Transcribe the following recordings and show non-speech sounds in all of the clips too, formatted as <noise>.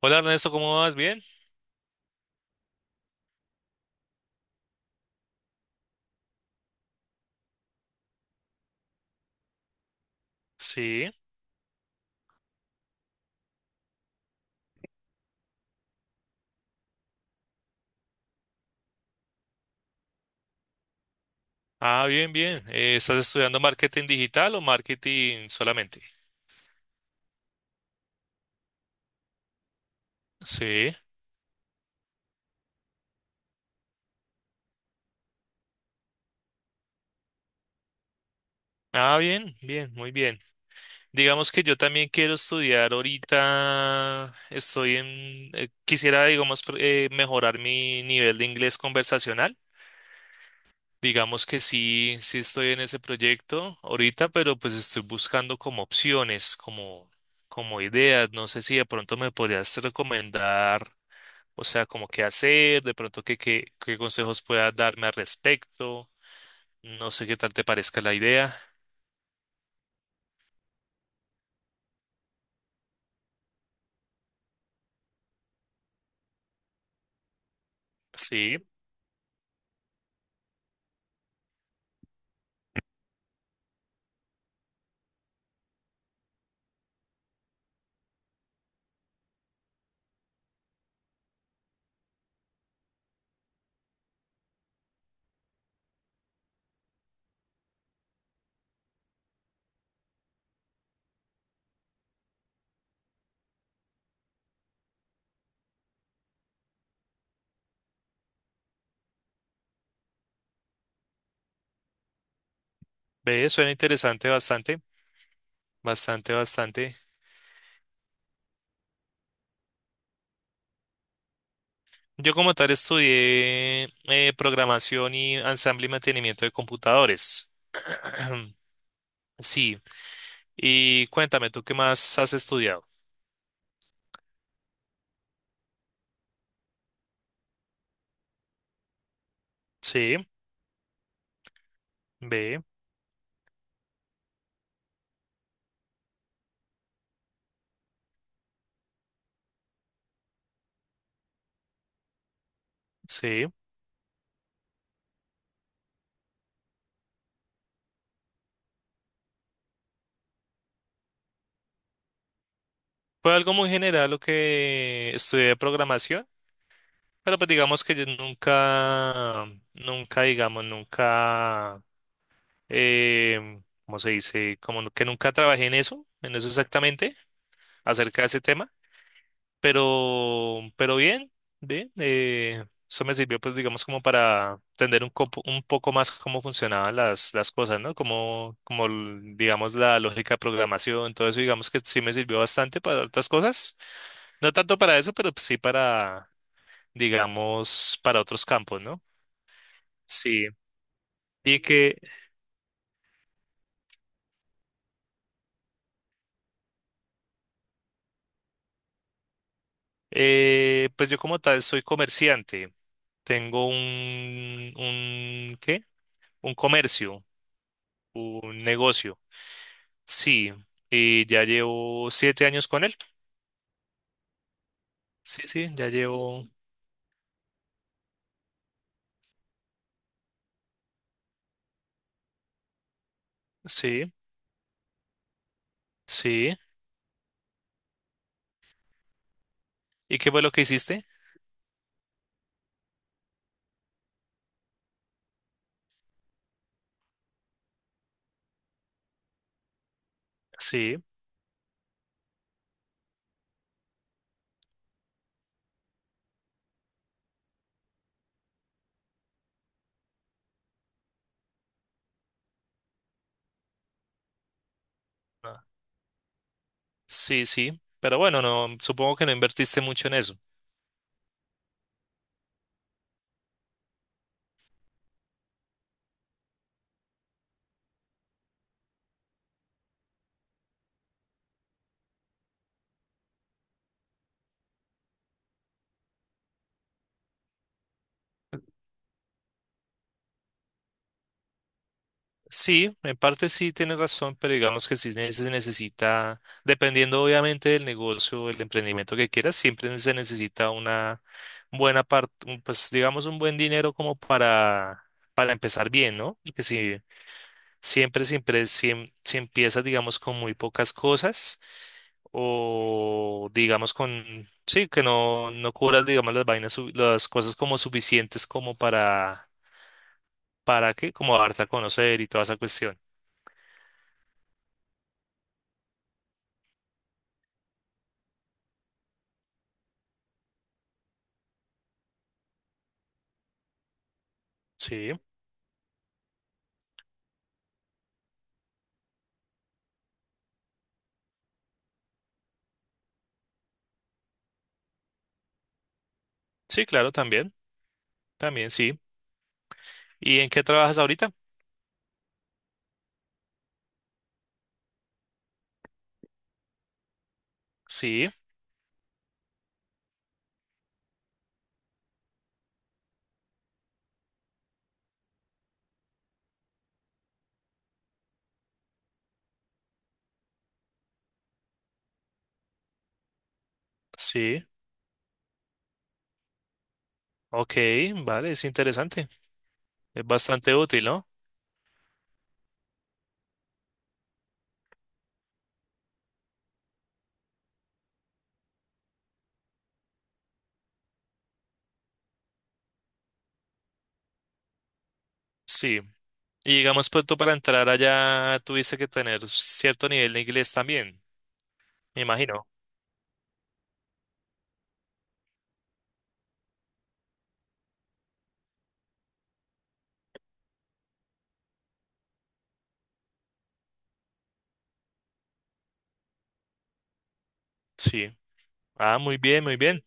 Hola Ernesto, ¿cómo vas? ¿Bien? Sí. Ah, bien, bien. ¿estás estudiando marketing digital o marketing solamente? Sí. Ah, bien, bien, muy bien. Digamos que yo también quiero estudiar ahorita, quisiera, digamos, mejorar mi nivel de inglés conversacional. Digamos que sí estoy en ese proyecto ahorita, pero pues estoy buscando como opciones, como, como ideas. No sé si de pronto me podrías recomendar. O sea, como qué hacer, de pronto qué consejos pueda darme al respecto. No sé qué tal te parezca la idea. Sí, ve, suena interesante bastante, bastante, bastante. Yo como tal estudié programación y ensamble y mantenimiento de computadores. <clears throat> Sí, y cuéntame, ¿tú qué más has estudiado? Sí, ve, sí. Fue algo muy general lo que estudié de programación. Pero pues digamos que yo nunca, nunca, digamos, nunca, eh, ¿cómo se dice? Como que nunca trabajé en eso exactamente, acerca de ese tema. Pero bien, bien, eso me sirvió pues digamos como para entender un poco más cómo funcionaban las cosas, ¿no? Como, digamos la lógica de programación, todo eso digamos que sí me sirvió bastante para otras cosas. No tanto para eso, pero pues, sí para, digamos, para otros campos, ¿no? Sí, y que pues yo como tal soy comerciante, tengo ¿qué? Un comercio, un negocio, sí, y ya llevo 7 años con él, sí, sí, ya llevo, sí, sí, ¿y qué fue lo que hiciste? Sí. Ah. Sí, sí, pero bueno, no, supongo que no invertiste mucho en eso. Sí, en parte sí tienes razón, pero digamos que sí se necesita, dependiendo obviamente del negocio, el emprendimiento que quieras, siempre se necesita una buena parte, pues digamos un buen dinero como para empezar bien, ¿no? Porque si siempre, siempre, si, em- si empiezas, digamos, con muy pocas cosas o digamos con, sí, que no cubras, digamos, las cosas como suficientes como ¿para qué? Como darte a conocer y toda esa cuestión. Sí. Sí, claro, también, también, sí. ¿Y en qué trabajas ahorita? Sí, sí, ok, vale, es interesante, es bastante útil, ¿no? Sí. Y digamos, pues tú para entrar allá tuviste que tener cierto nivel de inglés también, me imagino. Sí. Ah, muy bien, muy bien.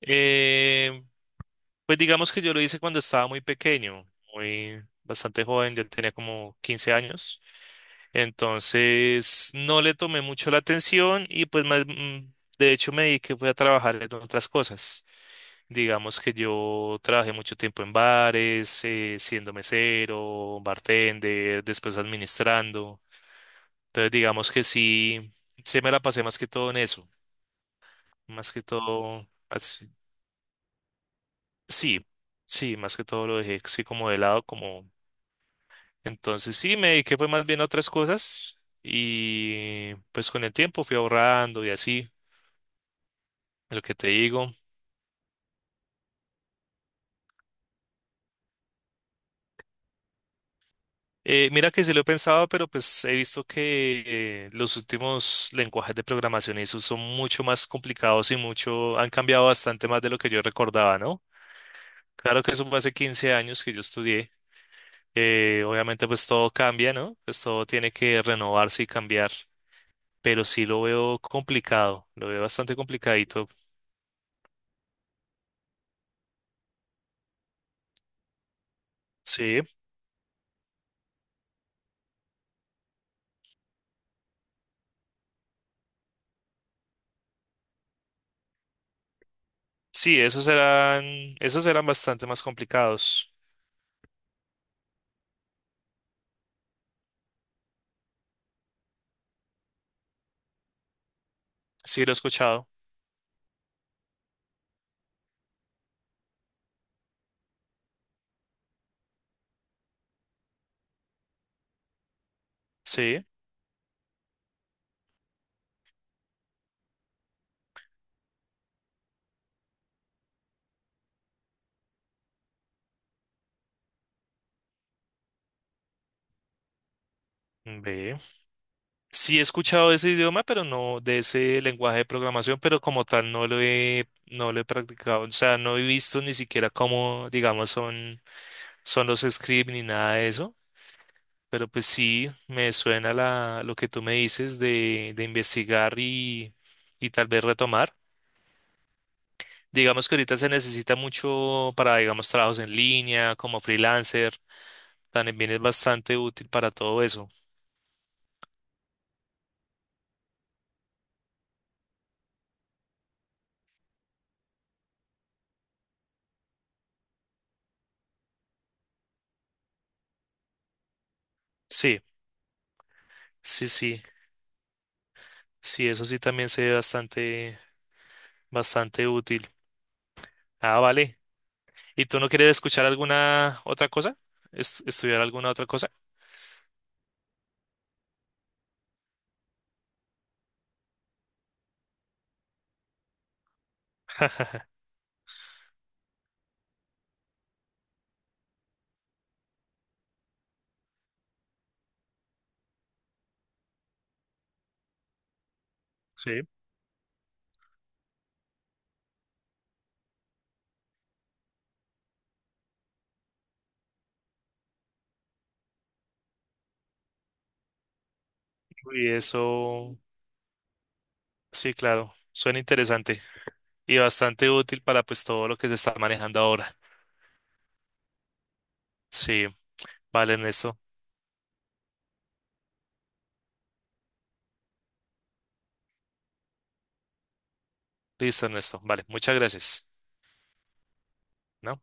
Eh, pues digamos que yo lo hice cuando estaba muy pequeño, muy bastante joven, yo tenía como 15 años. Entonces no le tomé mucho la atención y pues más, de hecho me dediqué fue a trabajar en otras cosas. Digamos que yo trabajé mucho tiempo en bares, siendo mesero, bartender, después administrando. Entonces digamos que sí, se me la pasé más que todo en eso, más que todo así. Sí, sí, más que todo lo dejé así como de lado, como... Entonces sí, me dediqué fue más bien a otras cosas y pues con el tiempo fui ahorrando y así. Lo que te digo. Mira que sí lo he pensado, pero pues he visto que los últimos lenguajes de programación y eso son mucho más complicados y mucho, han cambiado bastante más de lo que yo recordaba, ¿no? Claro que eso fue hace 15 años que yo estudié. Obviamente pues todo cambia, ¿no? Pues todo tiene que renovarse y cambiar, pero sí lo veo complicado, lo veo bastante complicadito. Sí, sí, esos eran bastante más complicados. Sí, lo he escuchado. Sí, ve. Sí he escuchado ese idioma, pero no de ese lenguaje de programación, pero como tal no lo he practicado. O sea, no he visto ni siquiera cómo, digamos, son, son los scripts ni nada de eso. Pero pues sí, me suena lo que tú me dices de investigar y tal vez retomar. Digamos que ahorita se necesita mucho para, digamos, trabajos en línea, como freelancer. También es bastante útil para todo eso. Sí, sí, sí. Sí, eso sí también se ve bastante. Bastante útil. Ah, vale. ¿Y tú no quieres escuchar alguna otra cosa? Estudiar alguna otra cosa? Sí. Y eso, sí, claro, suena interesante y bastante útil para pues todo lo que se está manejando ahora. Sí, vale, Ernesto. Listo, Ernesto. Vale, muchas gracias. ¿No?